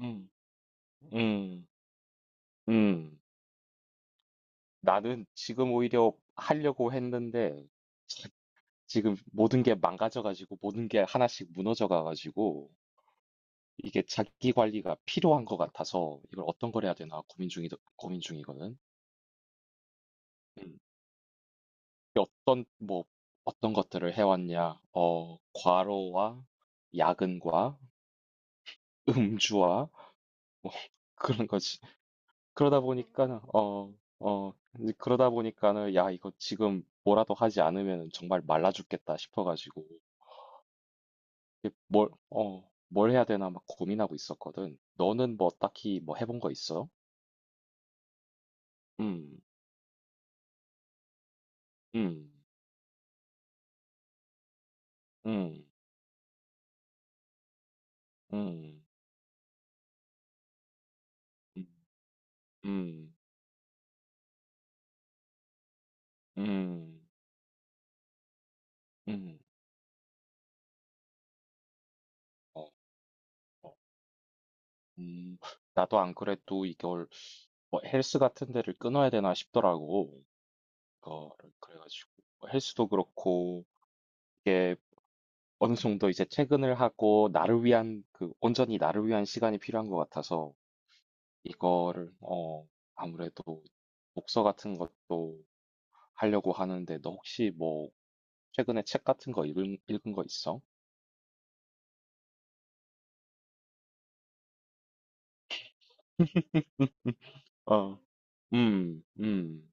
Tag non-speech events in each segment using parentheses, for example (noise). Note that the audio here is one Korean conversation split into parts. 음. 음. 음. 나는 지금 오히려 하려고 했는데 지금 모든 게 망가져 가지고 모든 게 하나씩 무너져 가 가지고 이게 자기 관리가 필요한 것 같아서 이걸 어떤 걸 해야 되나 고민 중이거든. 음. 어떤 뭐 어떤 것들을 해왔냐? 과로와 야근과 음주와 뭐 (laughs) 그런 거지. 그러다 보니까는 어, 이제 그러다 보니까는 야, 이거 지금 뭐라도 하지 않으면 정말 말라 죽겠다 싶어 가지고 이게 뭘 해야 되나 막 고민하고 있었거든. 너는 뭐 딱히 뭐 해본 거 있어? 음. 음. 음. 음. 음. 음. 음. 음. 어. 어. 음. 나도 안 그래도 이걸 뭐 헬스 같은 데를 끊어야 되나 싶더라고. 그거를 그래가지고 뭐 헬스도 그렇고 이게 어느 정도 이제 퇴근을 하고 나를 위한 그 온전히 나를 위한 시간이 필요한 것 같아서 이거를 아무래도 독서 같은 것도 하려고 하는데 너 혹시 뭐 최근에 책 같은 거 읽은 거 있어? (laughs) 어. 음, 음,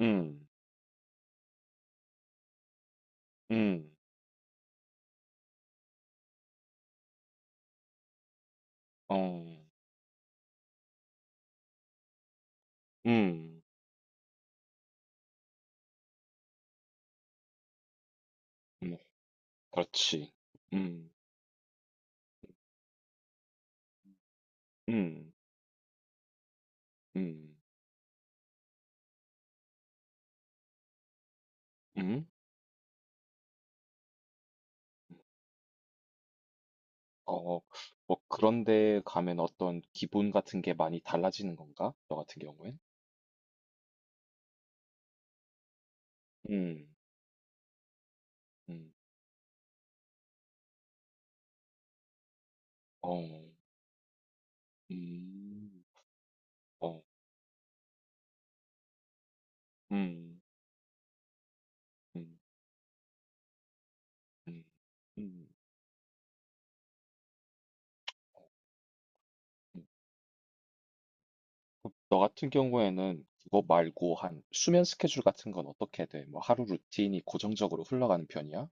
음, 음, 어, 음, 음, 그렇지. 음, 음, 음, 음. 어, 뭐 그런데 가면 어떤 기분 같은 게 많이 달라지는 건가? 너 같은 경우엔? 음. 음. 어. 음. 어. 음. 음. 음. 음. 음. 그너 같은 경우에는 그거 말고 한 수면 스케줄 같은 건 어떻게 돼? 뭐 하루 루틴이 고정적으로 흘러가는 편이야?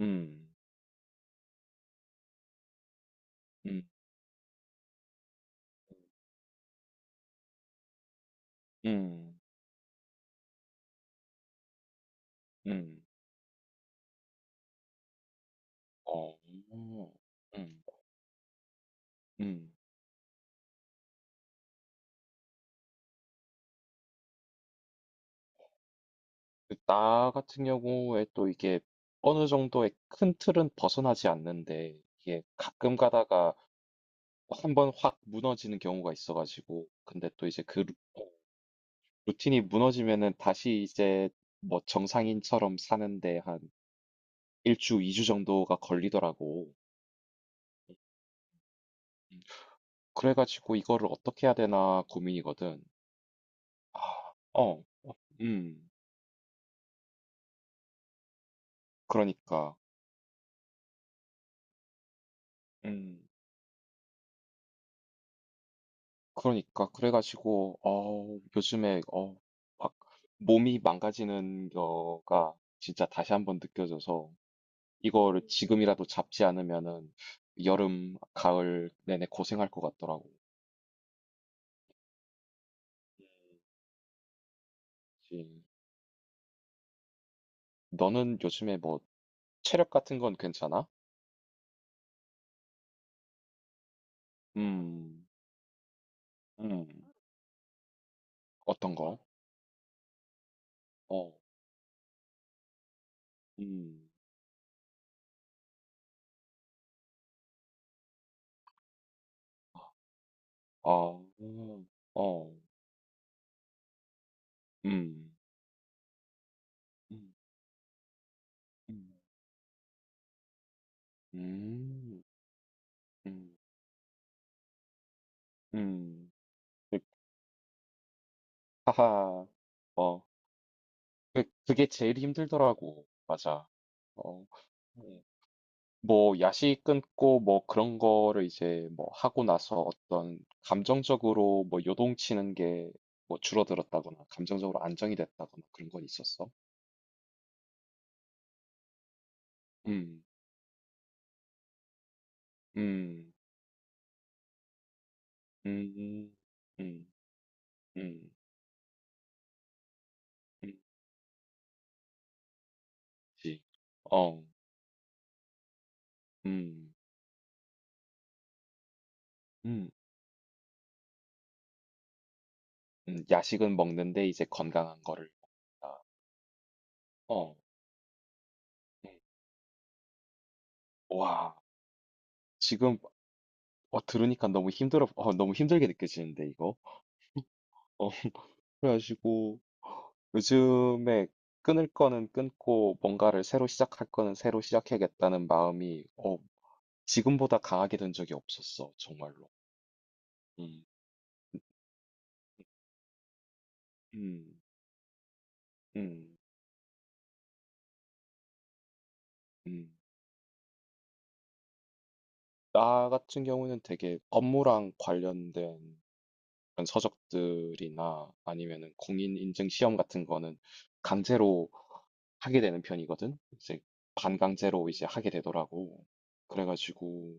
음. 음. 음. 음. 어. 음. 음. 그나 같은 경우에 또 이게 어느 정도의 큰 틀은 벗어나지 않는데 이게 가끔 가다가 한 번 확 무너지는 경우가 있어가지고 근데 또 이제 루틴이 무너지면은 다시 이제 뭐 정상인처럼 사는데 한 일주, 이주 정도가 걸리더라고. 음. 그래가지고 이거를 어떻게 해야 되나 고민이거든. 아, 어, 어, 음, 그러니까, 음, 그러니까 그래가지고 요즘에 막 몸이 망가지는 거가 진짜 다시 한번 느껴져서 이거를 지금이라도 잡지 않으면은 여름, 가을 내내 고생할 것 같더라고. 그치. 너는 요즘에 뭐 체력 같은 건 괜찮아? 음, 음, 어떤 거? 어, 음, 아, 음, 어, 음, 음, 음, 음, 음, 음. 그, 하하, 어, 그게 제일 힘들더라고. 맞아. 어, 음. 뭐 야식 끊고 뭐 그런 거를 이제 뭐 하고 나서 어떤 감정적으로 뭐 요동치는 게 뭐 줄어들었다거나 감정적으로 안정이 됐다거나 그런 건 있었어? 음, 음, 음, 음, 음, 음, 그치. 어, 음, 음, 야식은 먹는데 이제 건강한 거를 먹는다. 어, 음. 와, 지금 들으니까 너무 힘들어, 너무 힘들게 느껴지는데 이거. 어, 그래가지고. 요즘에 끊을 거는 끊고 뭔가를 새로 시작할 거는 새로 시작해야겠다는 마음이 지금보다 강하게 든 적이 없었어, 정말로. 음, 음, 음, 음. 나 같은 경우는 되게 업무랑 관련된 그런 서적들이나 아니면은 공인인증 시험 같은 거는 강제로 하게 되는 편이거든. 이제 반강제로 이제 하게 되더라고. 그래가지고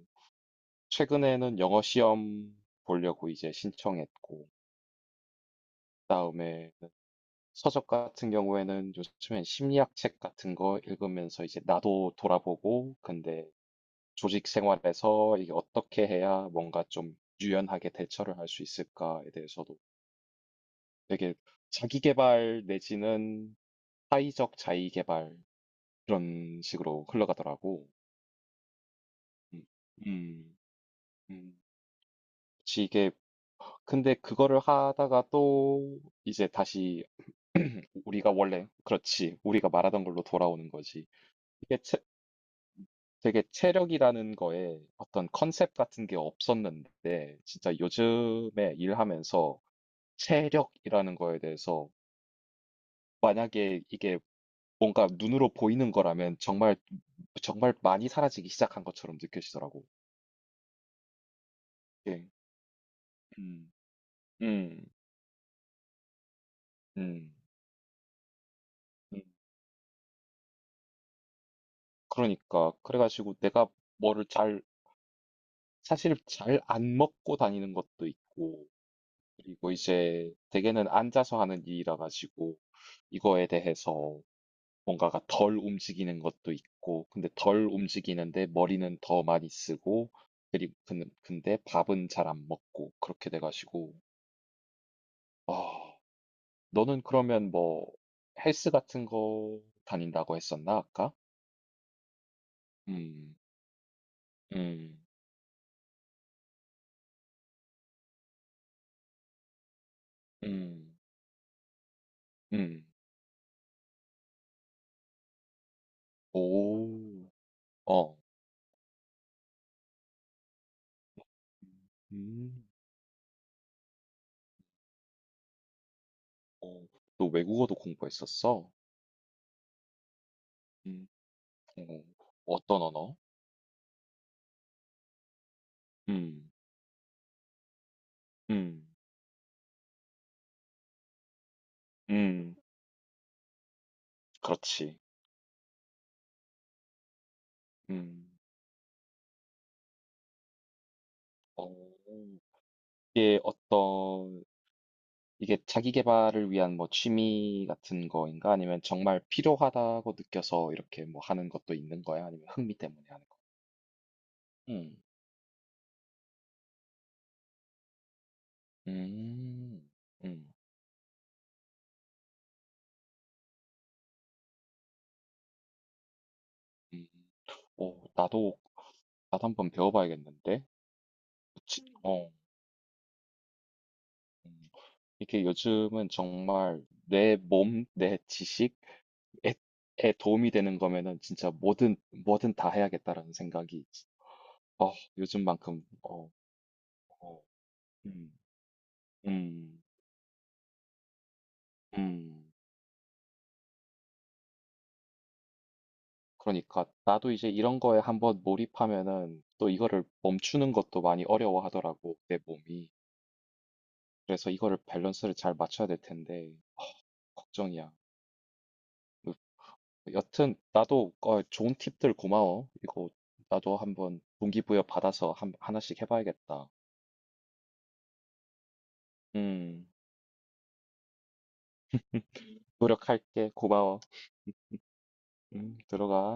최근에는 영어 시험 보려고 이제 신청했고 그다음에 서적 같은 경우에는 요즘엔 심리학 책 같은 거 읽으면서 이제 나도 돌아보고 근데 조직 생활에서 이게 어떻게 해야 뭔가 좀 유연하게 대처를 할 수 있을까에 대해서도 되게 자기 개발 내지는 사회적 자의 개발 그런 식으로 흘러가더라고. 음, 음, 음. 그치, 이게 근데 그거를 하다가 또 이제 다시 (clears throat) 우리가 원래 그렇지 우리가 말하던 걸로 돌아오는 거지. 이게 체- 되게 체력이라는 거에 어떤 컨셉 같은 게 없었는데, 진짜 요즘에 일하면서 체력이라는 거에 대해서 만약에 이게 뭔가 눈으로 보이는 거라면 정말, 정말 많이 사라지기 시작한 것처럼 느껴지더라고. 예. 음, 음, 음, 음. 그러니까. 그래가지고 내가 뭐를 잘, 사실 잘 안 먹고 다니는 것도 있고, 그리고 이제 대개는 앉아서 하는 일이라 가지고 이거에 대해서 뭔가가 덜 움직이는 것도 있고, 근데 덜 움직이는데 머리는 더 많이 쓰고, 그리고 근데 밥은 잘 안 먹고 그렇게 돼가지고, 아, 너는 그러면 뭐 헬스 같은 거 다닌다고 했었나 아까? 음, 음, 음, 음, 오, 어, 음, 음. 어, 너 외국어도 공부했었어? 음. 어. 어떤 언어? 음. 음. 음. 그렇지. 음. 어. 이게 어떤 이게 자기 계발을 위한 뭐 취미 같은 거인가? 아니면 정말 필요하다고 느껴서 이렇게 뭐 하는 것도 있는 거야? 아니면 흥미 때문에 하는 거? 음. 음. 음. 음. 오, 나도 한번 배워봐야겠는데. 그치? 음. 어. 음. 이게 요즘은 정말 내 몸, 내 지식, 에, 에 도움이 되는 거면은 진짜 뭐든 뭐든 다 해야겠다라는 생각이 어, 요즘만큼 어, 음, 음, 음. 그러니까 나도 이제 이런 거에 한번 몰입하면은 또 이거를 멈추는 것도 많이 어려워하더라고 내 몸이. 그래서 이거를 밸런스를 잘 맞춰야 될 텐데 걱정이야. 으, 여튼 나도 좋은 팁들 고마워. 이거 나도 한번 동기부여 받아서 하나씩 해봐야겠다. 음, 노력할게. 고마워. 응, 들어가.